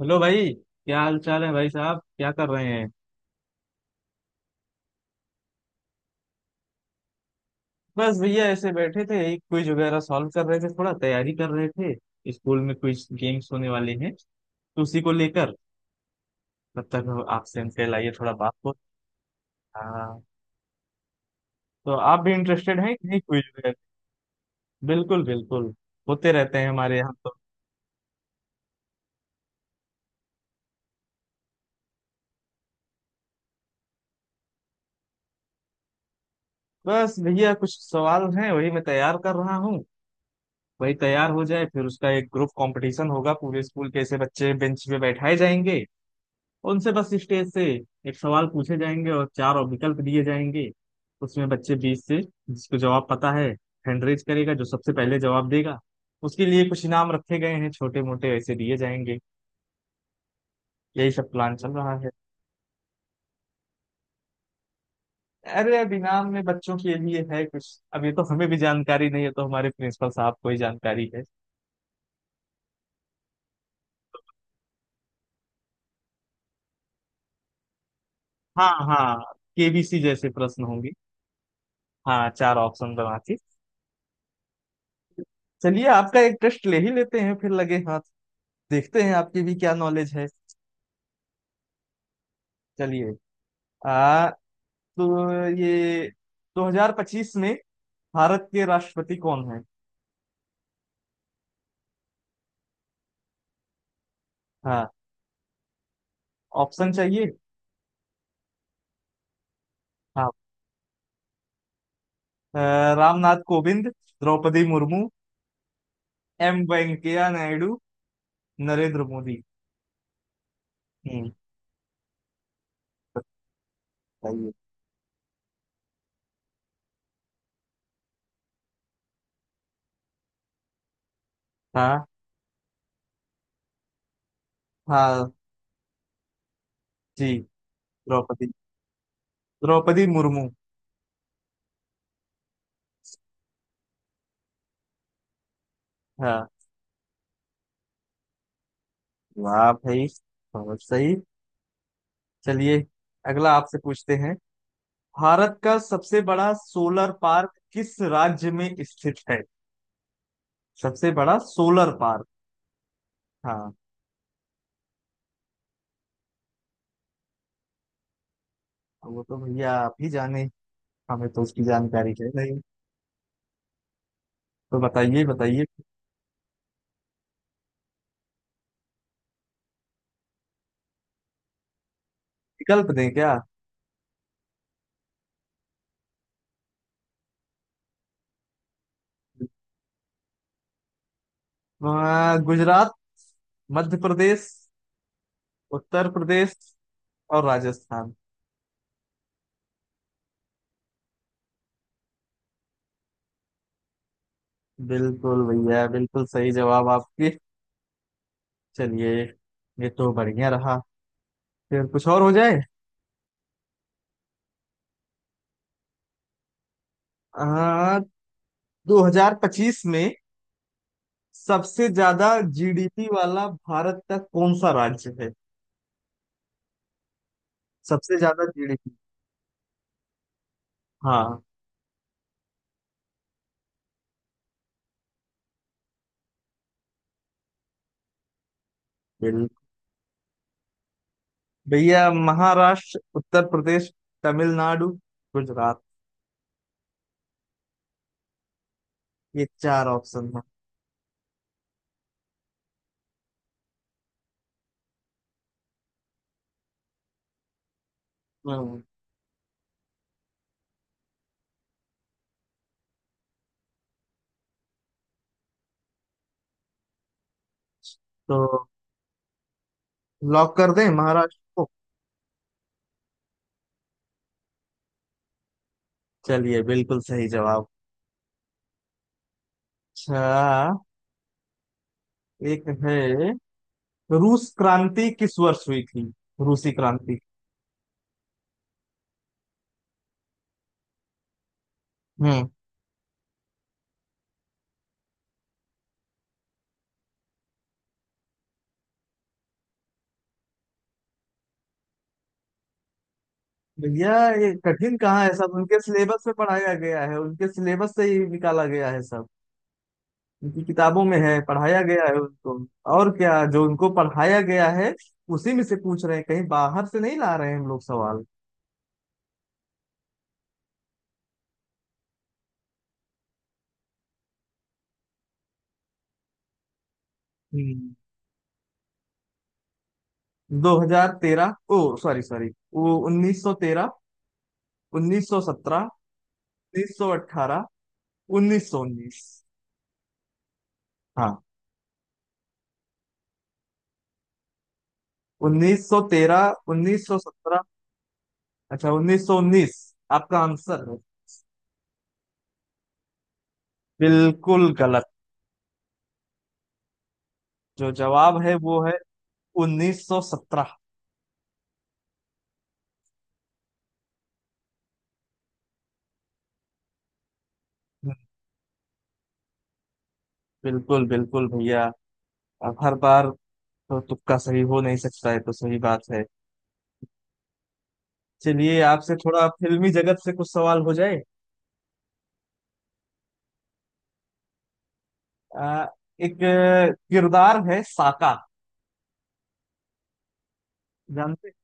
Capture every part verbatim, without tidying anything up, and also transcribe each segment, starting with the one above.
Hello भाई। क्या हाल चाल है भाई साहब? क्या कर रहे हैं? बस भैया ऐसे बैठे थे, एक क्विज वगैरह सॉल्व कर रहे थे, थोड़ा तैयारी कर रहे थे। स्कूल में क्विज गेम्स होने वाले हैं, तो उसी को लेकर तब तक आपसे हम कल आइए थोड़ा बात हो। हाँ। तो आप भी इंटरेस्टेड हैं कि नहीं क्विज में? बिल्कुल बिल्कुल, होते रहते हैं हमारे यहाँ तो। बस भैया कुछ सवाल हैं, वही मैं तैयार कर रहा हूँ। वही तैयार हो जाए, फिर उसका एक ग्रुप कंपटीशन होगा। पूरे स्कूल के ऐसे बच्चे बेंच पे बैठाए जाएंगे, उनसे बस स्टेज से एक सवाल पूछे जाएंगे और चार विकल्प दिए जाएंगे। उसमें बच्चे बीस से जिसको जवाब पता है हैंड रेज करेगा। जो सबसे पहले जवाब देगा उसके लिए कुछ इनाम रखे गए हैं, छोटे मोटे ऐसे दिए जाएंगे। यही सब प्लान चल रहा है। अरे, अब इनाम में बच्चों के लिए है कुछ। अब ये तो हमें भी जानकारी नहीं है, तो हमारे प्रिंसिपल साहब को ही जानकारी है। हाँ हाँ, केबीसी जैसे प्रश्न होंगे। हाँ, चार ऑप्शन बना के। चलिए, आपका एक टेस्ट ले ही लेते हैं फिर लगे हाथ। देखते हैं आपकी भी क्या नॉलेज है। चलिए। आ, तो ये दो हज़ार पच्चीस में भारत के राष्ट्रपति कौन है? हाँ। ऑप्शन चाहिए? हाँ। अ, रामनाथ कोविंद, द्रौपदी मुर्मू, एम वेंकैया नायडू, नरेंद्र मोदी। हम्म। चाहिए? हाँ। हाँ जी। द्रौपदी। द्रौपदी मुर्मू। हाँ। वाह भाई, बहुत सही। चलिए, अगला आपसे पूछते हैं। भारत का सबसे बड़ा सोलर पार्क किस राज्य में स्थित है? सबसे बड़ा सोलर पार्क। हाँ। वो तो भैया आप ही जाने, हमें तो उसकी जानकारी है नहीं। तो बताइए बताइए। विकल्प दें क्या? वहाँ गुजरात, मध्य प्रदेश, उत्तर प्रदेश और राजस्थान। बिल्कुल भैया, बिल्कुल सही जवाब आपके। चलिए, ये तो बढ़िया रहा। फिर कुछ और हो जाए। हाँ, दो हज़ार पच्चीस में सबसे ज्यादा जीडीपी वाला भारत का कौन सा राज्य है? सबसे ज्यादा जीडीपी। हाँ। भैया महाराष्ट्र, उत्तर प्रदेश, तमिलनाडु, गुजरात, ये चार ऑप्शन है। हम्म। तो लॉक कर दें महाराष्ट्र को? चलिए, बिल्कुल सही जवाब। अच्छा, एक है, रूस क्रांति किस वर्ष हुई थी? रूसी क्रांति। हम्म। भैया, ये कठिन कहाँ है? सब उनके सिलेबस में पढ़ाया गया है, उनके सिलेबस से ही निकाला गया है सब। उनकी किताबों में है, पढ़ाया गया है उनको। और क्या, जो उनको पढ़ाया गया है उसी में से पूछ रहे हैं, कहीं बाहर से नहीं ला रहे हैं हम लोग सवाल। हम्म। दो हज़ार तेरह, ओ सॉरी सॉरी, वो उन्नीस सौ तेरह, उन्नीस सौ सत्रह, उन्नीस सौ अठारह, उन्नीस सौ उन्नीस। हाँ। उन्नीस सौ तेरह, उन्नीस सौ सत्रह। अच्छा, उन्नीस सौ उन्नीस आपका आंसर है? बिल्कुल गलत। जो जवाब है वो है उन्नीस सौ सत्रह। बिल्कुल बिल्कुल भैया, आप हर बार तो तुक्का सही हो नहीं सकता है, तो सही बात है। चलिए, आपसे थोड़ा फिल्मी जगत से कुछ सवाल हो जाए। आ, एक अ, किरदार है साका। जानते हैं?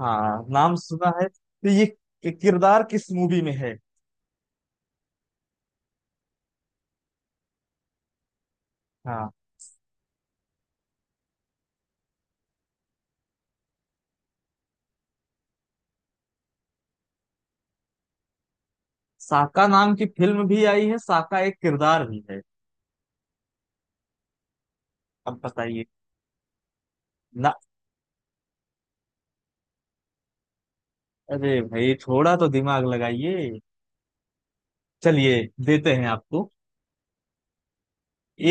हाँ, नाम सुना है? तो ये कि- किरदार किस मूवी में है? हाँ। साका नाम की फिल्म भी आई है, साका एक किरदार भी है। अब बताइए ना। अरे भाई, थोड़ा तो दिमाग लगाइए। चलिए, देते हैं आपको।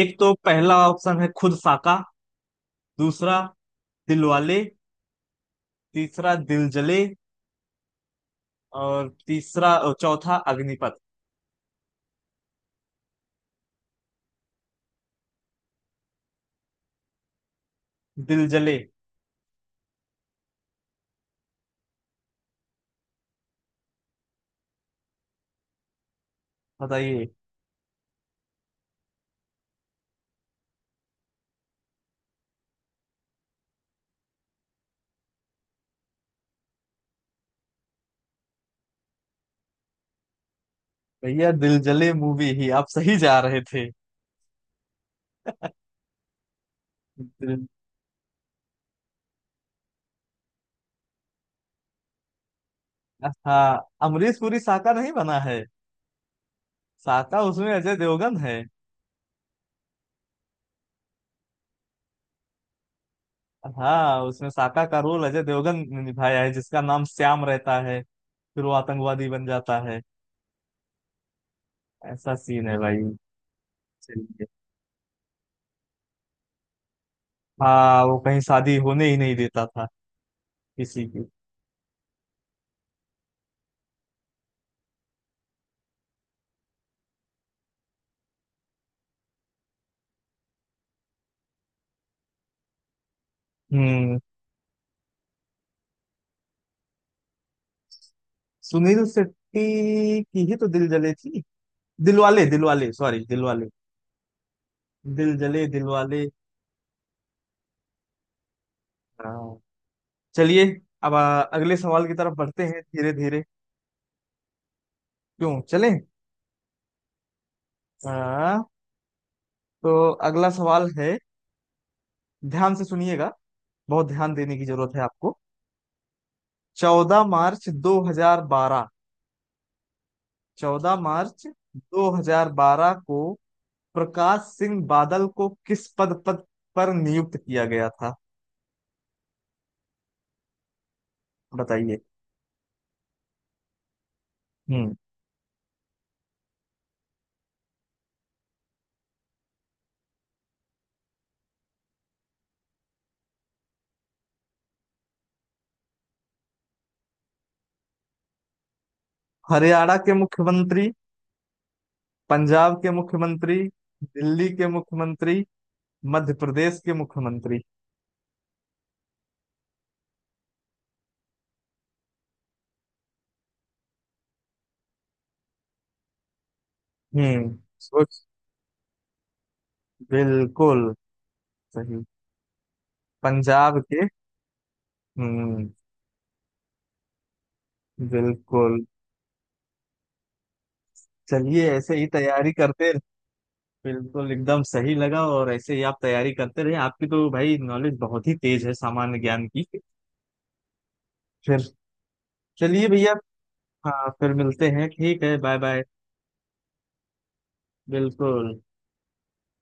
एक तो पहला ऑप्शन है खुद साका। दूसरा दिलवाले। तीसरा दिल जले। और तीसरा और चौथा अग्निपथ। दिल जले। बताइए। भैया, दिल जले मूवी ही आप सही जा रहे थे। दिल, हाँ, अमरीश पुरी साका नहीं बना है। साका उसमें अजय देवगन है। हाँ, उसमें साका का रोल अजय देवगन ने निभाया है, जिसका नाम श्याम रहता है। फिर वो आतंकवादी बन जाता है। ऐसा सीन है भाई। चलिए। हाँ, वो कहीं शादी होने ही नहीं देता था, किसी की। हम्म। सुनील शेट्टी की ही तो दिल जले थी। दिलवाले दिलवाले सॉरी दिलवाले। दिल जले, दिल वाले। हाँ। चलिए, अब आ, अगले सवाल की तरफ बढ़ते हैं धीरे धीरे। क्यों चलें? हाँ, तो अगला सवाल है, ध्यान से सुनिएगा, बहुत ध्यान देने की जरूरत है आपको। चौदह मार्च दो हजार बारह। चौदह मार्च दो हजार बारह को प्रकाश सिंह बादल को किस पद पद पर नियुक्त किया गया था? बताइए। हम्म। हरियाणा के मुख्यमंत्री, पंजाब के मुख्यमंत्री, दिल्ली के मुख्यमंत्री, मध्य प्रदेश के मुख्यमंत्री। हम्म। सोच। बिल्कुल सही, पंजाब के। हम्म। बिल्कुल। चलिए, ऐसे ही तैयारी करते रह- बिल्कुल एकदम सही लगा, और ऐसे ही आप तैयारी करते रहे, आपकी तो भाई नॉलेज बहुत ही तेज है सामान्य ज्ञान की। फिर चलिए भैया। हाँ, फिर मिलते हैं। ठीक है, बाय बाय। बिल्कुल।